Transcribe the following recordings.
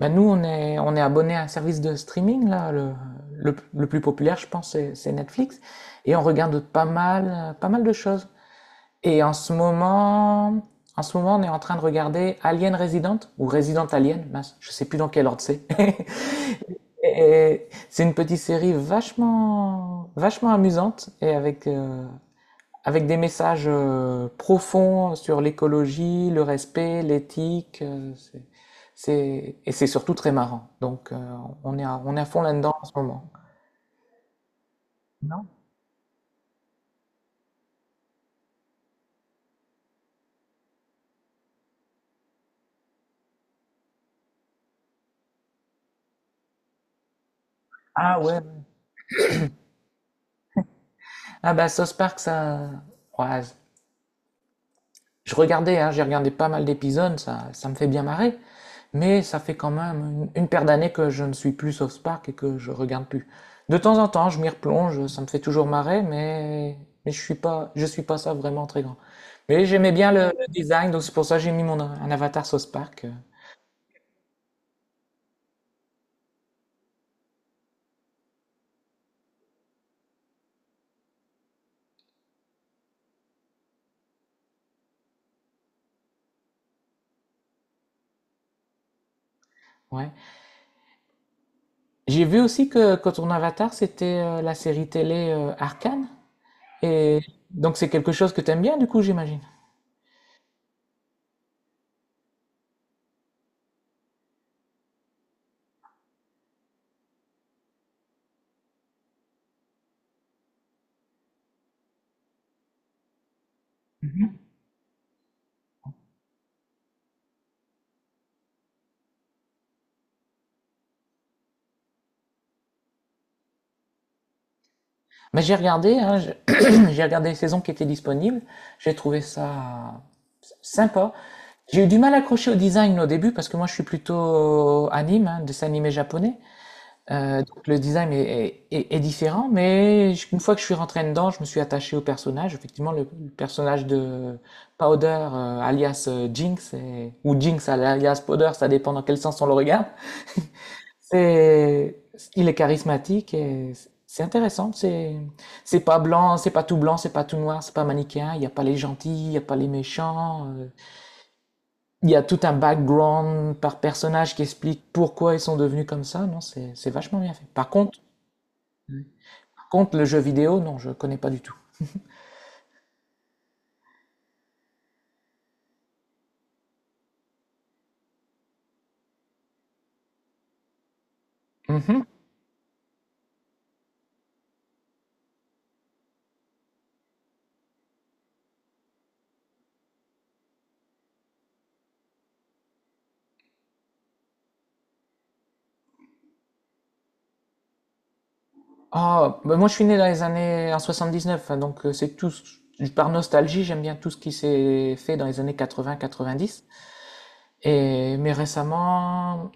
Bah, nous, on est abonné à un service de streaming, là, le plus populaire, je pense, c'est Netflix. Et on regarde pas mal de choses. Et en ce moment, on est en train de regarder Alien Resident, ou Resident Alien, mince, je sais plus dans quel ordre c'est. Et c'est une petite série vachement, vachement amusante et avec des messages profonds sur l'écologie, le respect, l'éthique. Et c'est surtout très marrant. Donc, on est à fond là-dedans en ce moment. Non? Ah ouais. Ah bah, South Park, ça. Ouais, je regardais, hein, j'ai regardé pas mal d'épisodes, ça me fait bien marrer. Mais ça fait quand même une paire d'années que je ne suis plus South Park et que je regarde plus. De temps en temps, je m'y replonge, ça me fait toujours marrer, mais je suis pas ça vraiment très grand. Mais j'aimais bien le design, donc c'est pour ça que j'ai mis mon un avatar South Park. Ouais. J'ai vu aussi que ton avatar, c'était la série télé Arcane. Et donc c'est quelque chose que t'aimes bien, du coup, j'imagine. Mais j'ai regardé, hein, j'ai j'ai regardé les saisons qui étaient disponibles. J'ai trouvé ça sympa. J'ai eu du mal à accrocher au design au début parce que moi je suis plutôt anime, hein, dessin animé japonais. Donc le design est différent, mais une fois que je suis rentré dedans, je me suis attaché au personnage. Effectivement, le personnage de Powder, alias Jinx, ou Jinx alias Powder, ça dépend dans quel sens on le regarde. C'est, il est charismatique et c'est intéressant. C'est pas blanc, c'est pas tout blanc, c'est pas tout noir, c'est pas manichéen. Il n'y a pas les gentils, il n'y a pas les méchants. Il y a tout un background par personnage qui explique pourquoi ils sont devenus comme ça. Non, c'est vachement bien fait. Par contre, le jeu vidéo, non, je connais pas du tout. Mhm. Ah, bah moi je suis né dans les années en 79, hein, donc c'est tout. Par nostalgie, j'aime bien tout ce qui s'est fait dans les années 80-90. Et mais récemment,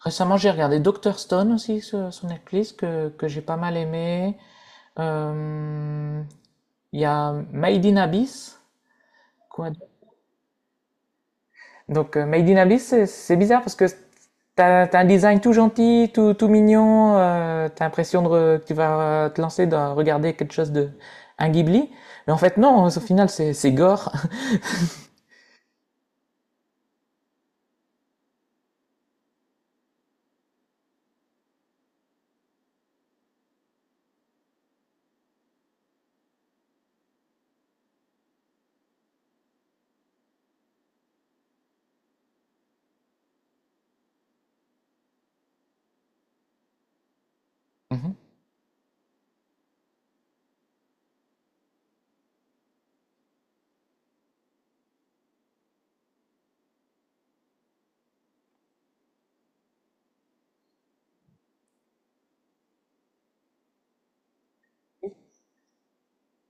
récemment j'ai regardé Doctor Stone aussi sur Netflix que j'ai pas mal aimé. Euh, Il y a Made in Abyss. Quoi? Donc, Made in Abyss, c'est bizarre parce que t'as un design tout gentil, tout mignon, t'as l'impression de que tu vas te lancer dans regarder quelque chose de un Ghibli, mais en fait non, au final c'est gore. Mhm.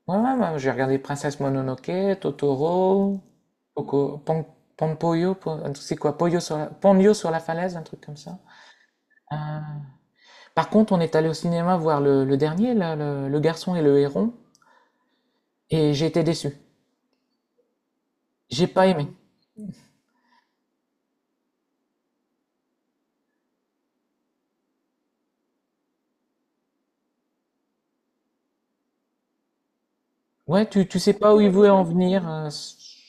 Ouais, ouais, ouais, j'ai regardé Princesse Mononoke, Totoro, Poco, Pon, Ponpoyo, Po- c'est quoi, Ponyo sur la falaise, un truc comme ça. Euh, Par contre, on est allé au cinéma voir le dernier, là, le garçon et le héron, et j'ai été déçu. J'ai pas aimé. Ouais, tu sais pas où il voulait en venir.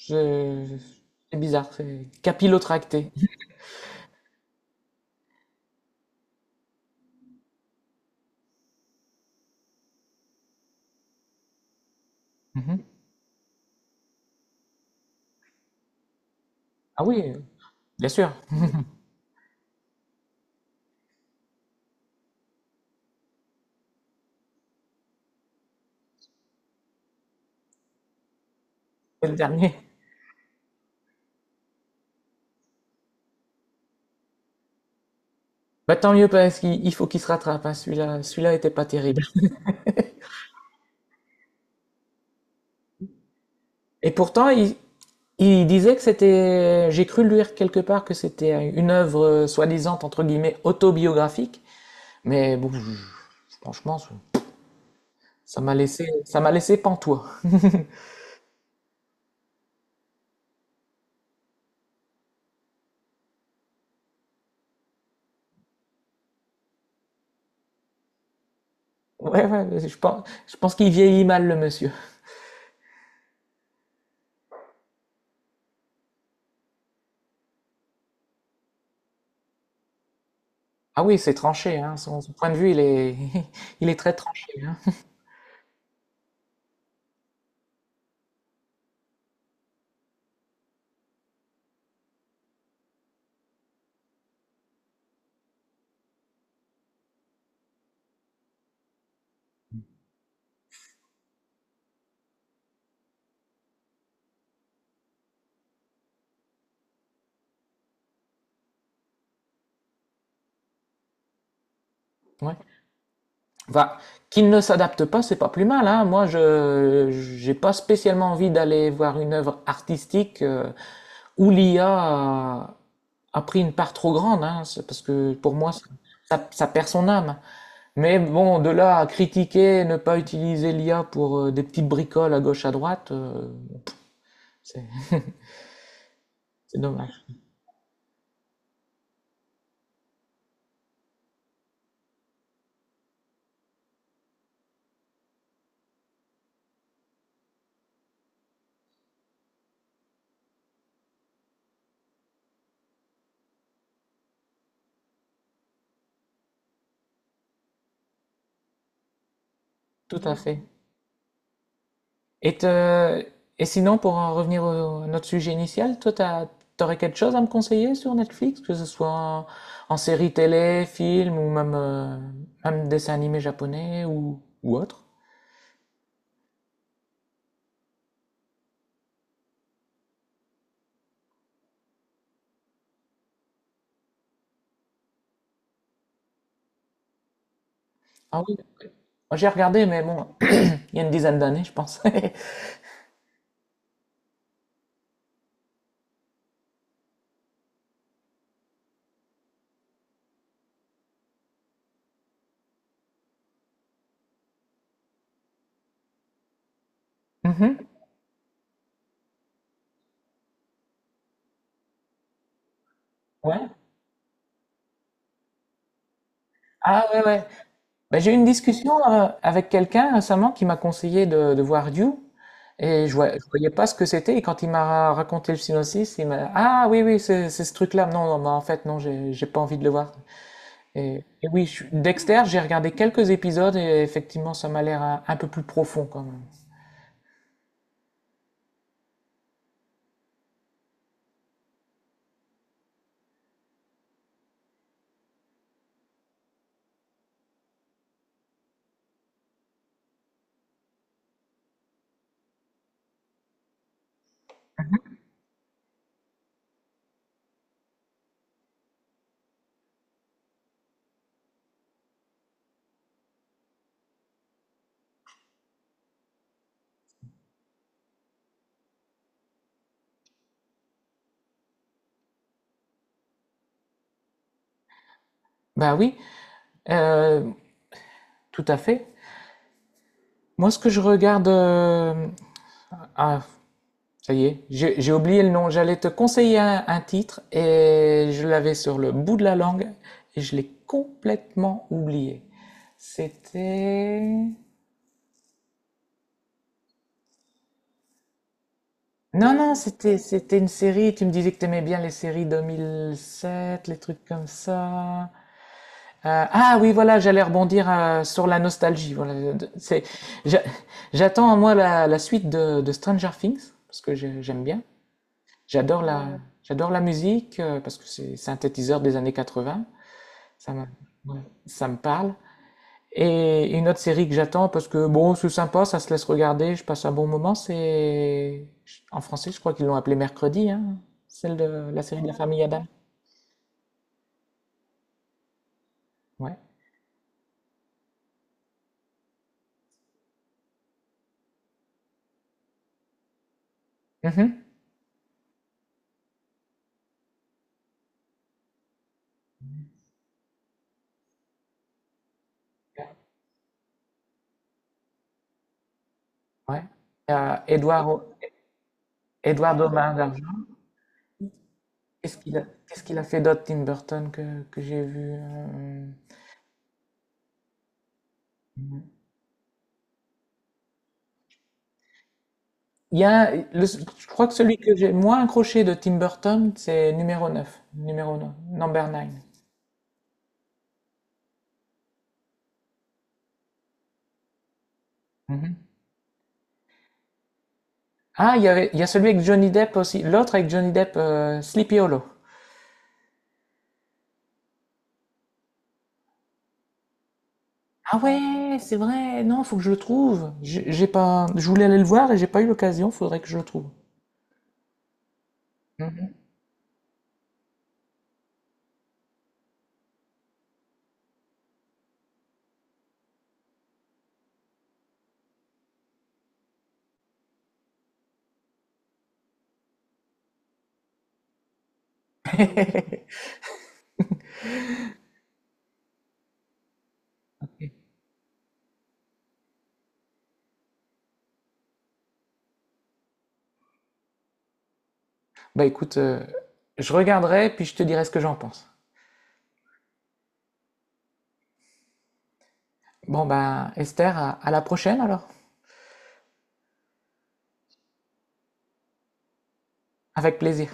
je- C'est bizarre, c'est capillotracté. Mhm. Ah oui, bien sûr, c'est le dernier. Bah tant mieux parce qu'il il faut qu'il se rattrape, hein. Celui-là était pas terrible. Et pourtant, il disait que c'était. J'ai cru lire quelque part que c'était une œuvre soi-disant entre guillemets autobiographique. Mais bon, franchement, ça m'a laissé pantois. Ouais, ouais, je pense qu'il vieillit mal le monsieur. Ah oui, c'est tranché, hein, son point de vue, il est il est très tranché, hein. Ouais. Enfin, qu'il ne s'adapte pas, c'est pas plus mal, hein. Moi, je j'ai pas spécialement envie d'aller voir une œuvre artistique, où l'IA a pris une part trop grande, hein. C'est parce que pour moi, ça perd son âme. Mais bon, de là à critiquer, ne pas utiliser l'IA pour des petites bricoles à gauche à droite, c'est c'est dommage. Tout à fait. Et, te- et sinon, pour en revenir à notre sujet initial, toi, t'aurais quelque chose à me conseiller sur Netflix, que ce soit en série télé, film ou même dessin animé japonais ou autre? Ah oui, moi, j'ai regardé, mais bon, il y a une dizaine d'années, je pense. Mhm. Ouais. Ah ouais, ouais. Ben, j'ai eu une discussion avec quelqu'un récemment qui m'a conseillé de voir Dune et je voyais pas ce que c'était et quand il m'a raconté le synopsis, il m'a Ah oui oui c'est ce truc-là. Non, non ben, en fait non j'ai pas envie de le voir. Et oui, Dexter, j'ai regardé quelques épisodes et effectivement ça m'a l'air un peu plus profond quand même. Bah oui, euh, tout à fait. Moi ce que je regarde, ah, ça y est, j'ai oublié le nom. J'allais te conseiller un titre et je l'avais sur le bout de la langue et je l'ai complètement oublié. C'était... Non, non, c'était une série. Tu me disais que tu aimais bien les séries 2007, les trucs comme ça. Ah oui, voilà, j'allais rebondir sur la nostalgie. Voilà, j'a- j'attends moi la suite de Stranger Things parce que j'aime bien. Ouais. J'adore la musique parce que c'est synthétiseur des années 80. Ça me, ouais, ça me parle. Et une autre série que j'attends parce que bon, c'est sympa, ça se laisse regarder, je passe un bon moment. C'est en français, je crois qu'ils l'ont appelée Mercredi, hein, celle de la série de la famille Adam. Ouais. Mhm. Ouais. Euh, Edouard, Edouard Domain d'Argent. Qu'est-ce qu'il a, qu'est-ce qu'il a fait d'autre, Tim Burton, que j'ai vu. Il y a, je crois que celui que j'ai moins accroché de Tim Burton, c'est numéro 9 numéro 9, number 9. Ah, il y avait, il y a celui avec Johnny Depp aussi. L'autre avec Johnny Depp, Sleepy Hollow. Ah ouais, c'est vrai. Non, faut que je le trouve. J'ai pas, je voulais aller le voir et j'ai pas eu l'occasion. Faudrait que je le trouve. Mhm. Bah écoute, je regarderai puis je te dirai ce que j'en pense. Bon bah Esther, à la prochaine alors. Avec plaisir.